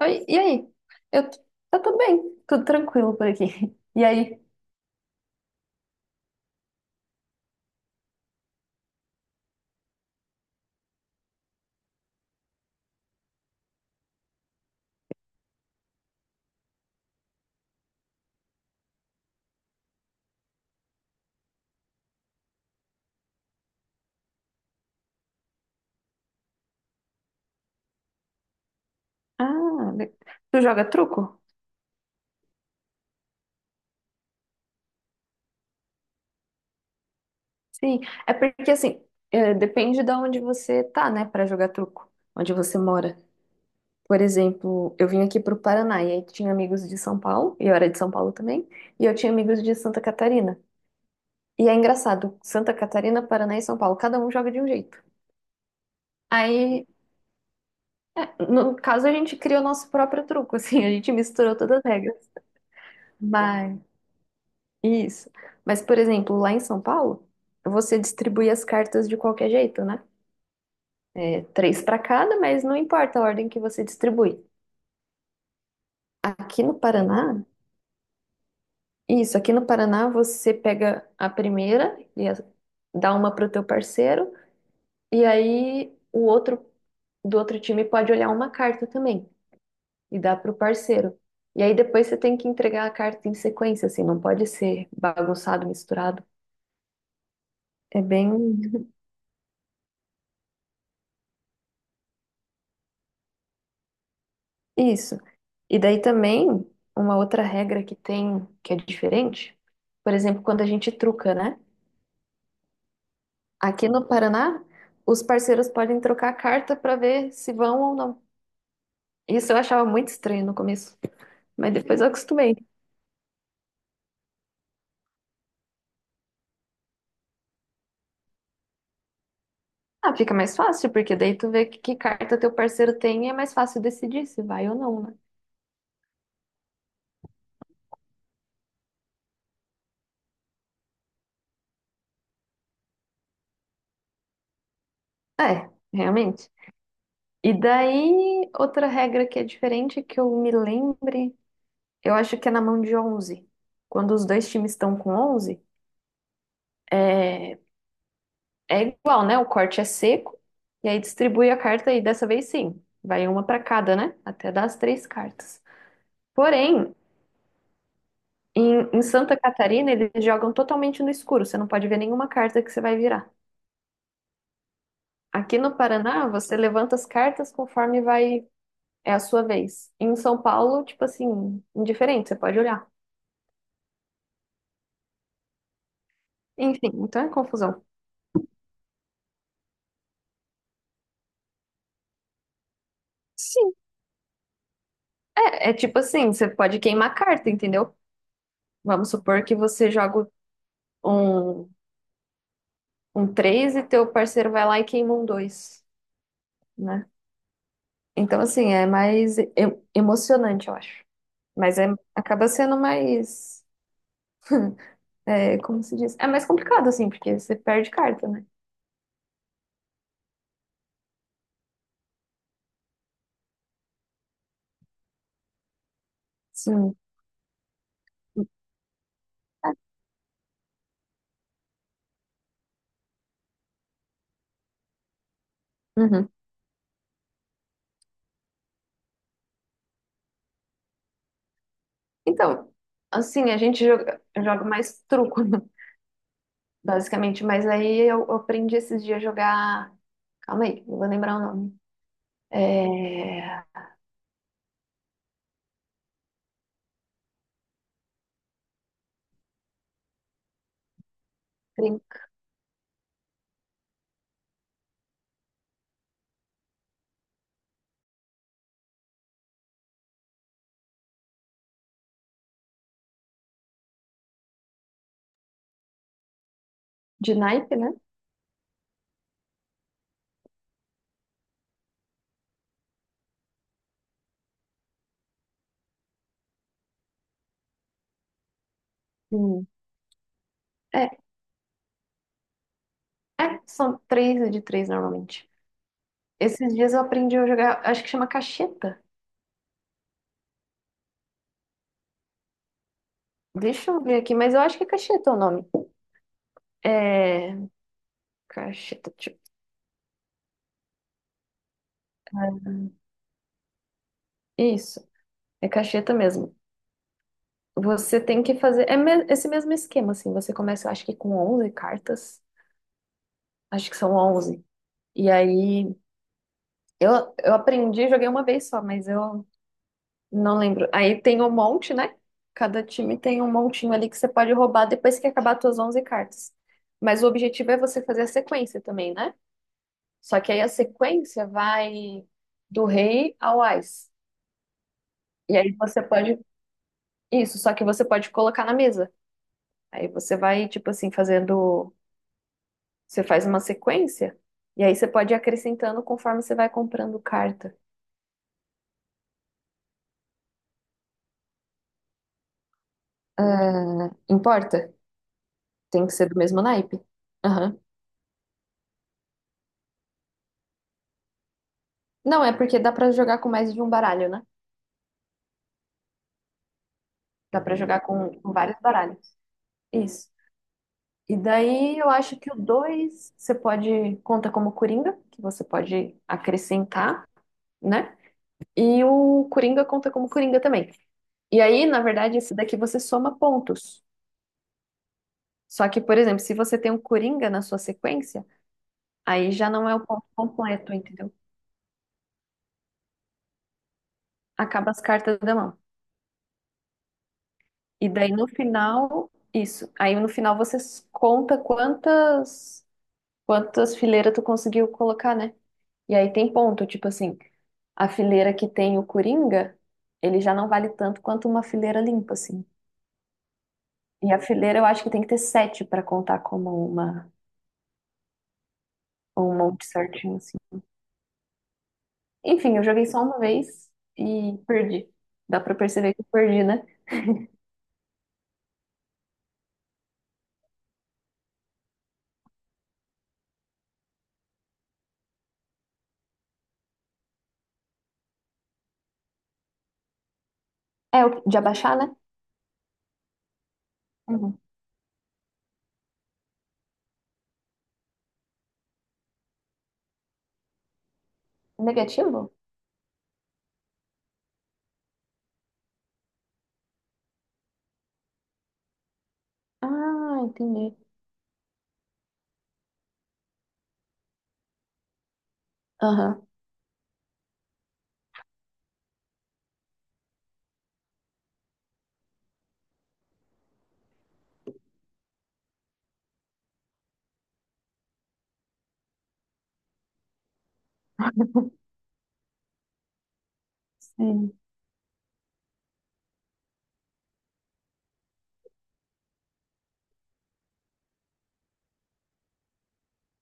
Oi, e aí? Eu, eu tô bem, tudo tranquilo por aqui. E aí? Ah, le- Tu joga truco? Sim, é porque assim, é, depende de onde você tá, né, pra jogar truco, onde você mora. Por exemplo, eu vim aqui pro Paraná e aí tinha amigos de São Paulo, e eu era de São Paulo também, e eu tinha amigos de Santa Catarina. E é engraçado, Santa Catarina, Paraná e São Paulo, cada um joga de um jeito. Aí, é, no caso, a gente criou nosso próprio truco, assim, a gente misturou todas as regras. Mas. Isso. Mas, por exemplo, lá em São Paulo, você distribui as cartas de qualquer jeito, né? É, três para cada, mas não importa a ordem que você distribui. Aqui no Paraná, isso, aqui no Paraná você pega a primeira dá uma pro teu parceiro, e aí o outro do outro time pode olhar uma carta também e dar pro parceiro. E aí depois você tem que entregar a carta em sequência, assim, não pode ser bagunçado, misturado. É bem. Isso. E daí também, uma outra regra que tem, que é diferente, por exemplo, quando a gente truca, né? Aqui no Paraná, os parceiros podem trocar a carta para ver se vão ou não. Isso eu achava muito estranho no começo, mas depois eu acostumei. Ah, fica mais fácil, porque daí tu vê que carta teu parceiro tem e é mais fácil decidir se vai ou não, né? É, realmente. E daí, outra regra que é diferente, que eu me lembre, eu acho que é na mão de onze. Quando os dois times estão com onze, é, é igual, né? O corte é seco e aí distribui a carta e dessa vez sim, vai uma para cada, né? Até dar as três cartas. Porém, em Santa Catarina eles jogam totalmente no escuro, você não pode ver nenhuma carta que você vai virar. Aqui no Paraná, você levanta as cartas conforme vai, é a sua vez. Em São Paulo, tipo assim, indiferente, você pode olhar. Enfim, então é confusão. Sim. É, é tipo assim, você pode queimar carta, entendeu? Vamos supor que você joga um um 3 e teu parceiro vai lá e queima um 2, né? Então, assim, emocionante, eu acho. Mas é, acaba sendo mais, é, como se diz? É mais complicado, assim, porque você perde carta, né? Sim. Uhum. Então, assim, a gente joga mais truco, né? Basicamente. Mas aí eu aprendi esses dias a jogar. Calma aí, não vou lembrar o nome. É... trin- De naipe, né? Hum. É, é, são três de três normalmente. Esses dias eu aprendi a jogar, acho que chama cacheta. Deixa eu ver aqui, mas eu acho que é cacheta o nome. É. Cacheta, tipo. É, isso, é cacheta mesmo. Você tem que fazer. Esse mesmo esquema, assim. Você começa, acho que com 11 cartas. Acho que são 11. E aí, eu aprendi, joguei uma vez só, mas eu não lembro. Aí tem um monte, né? Cada time tem um montinho ali que você pode roubar depois que acabar as tuas 11 cartas. Mas o objetivo é você fazer a sequência também, né? Só que aí a sequência vai do rei ao ás. E aí você pode. Isso, só que você pode colocar na mesa. Aí você vai, tipo assim, fazendo. Você faz uma sequência. E aí você pode ir acrescentando conforme você vai comprando carta. Ah, importa? Tem que ser do mesmo naipe. Aham. Não, é porque dá pra jogar com mais de um baralho, né? Dá pra jogar com vários baralhos. Isso. E daí eu acho que o 2 você pode. Conta como coringa, que você pode acrescentar, né? E o Coringa conta como Coringa também. E aí, na verdade, esse daqui você soma pontos. Só que, por exemplo, se você tem um Coringa na sua sequência, aí já não é o ponto completo, entendeu? Acaba as cartas da mão. E daí no final, isso. Aí no final você conta quantas fileiras tu conseguiu colocar, né? E aí tem ponto, tipo assim, a fileira que tem o Coringa, ele já não vale tanto quanto uma fileira limpa, assim. E a fileira eu acho que tem que ter sete pra contar como uma, um monte certinho, assim. Enfim, eu joguei só uma vez e perdi. Dá pra perceber que eu perdi, né? É o de abaixar, né? Uhum. Negativo? Ah, entendi. Aham. Sim.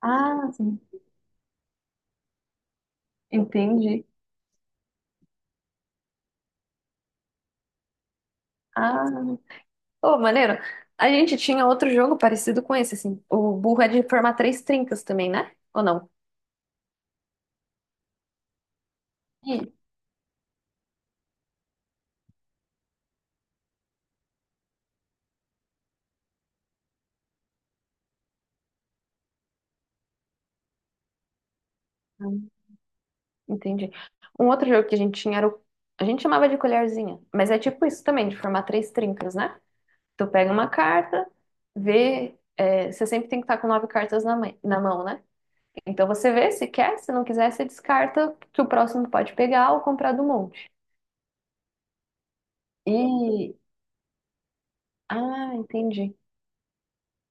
Ah, sim. Entendi. Ah. Pô, maneiro. A gente tinha outro jogo parecido com esse, assim. O burro é de formar três trincas também, né? Ou não? Ih. Entendi. Um outro jogo que a gente tinha era o... A gente chamava de colherzinha, mas é tipo isso também, de formar três trincas, né? Tu pega uma carta, vê... é, você sempre tem que estar com nove cartas na, na mão, né? Então você vê se quer, se não quiser, você descarta que o próximo pode pegar ou comprar do monte. E... Ah, entendi.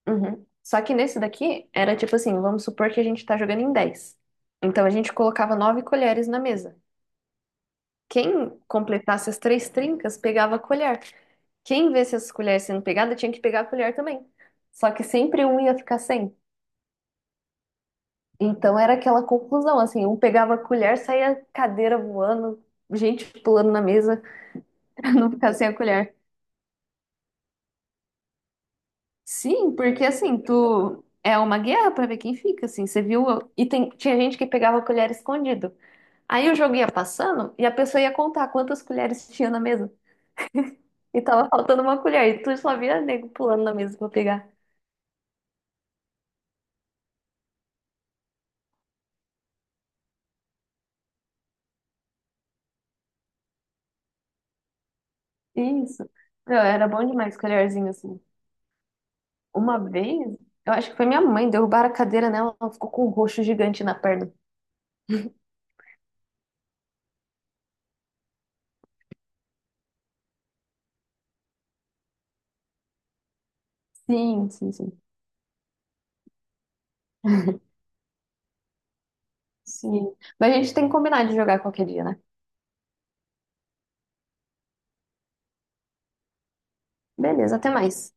Uhum. Só que nesse daqui era tipo assim, vamos supor que a gente tá jogando em 10. Então a gente colocava nove colheres na mesa. Quem completasse as três trincas pegava a colher. Quem visse as colheres sendo pegadas tinha que pegar a colher também. Só que sempre um ia ficar sem. Então era aquela conclusão, assim, um pegava a colher, saía cadeira voando, gente pulando na mesa pra não ficar sem a colher. Sim, porque assim, tu é uma guerra pra ver quem fica, assim, você viu? Tinha gente que pegava a colher escondido. Aí o jogo ia passando e a pessoa ia contar quantas colheres tinha na mesa. E tava faltando uma colher, e tu só via nego pulando na mesa pra pegar. Isso. Meu, era bom demais colherzinho assim. Uma vez, eu acho que foi minha mãe, derrubaram a cadeira nela, ela ficou com um roxo gigante na perna. Sim, sim, sim. Sim. Mas a gente tem que combinar de jogar qualquer dia, né? Beleza, até mais.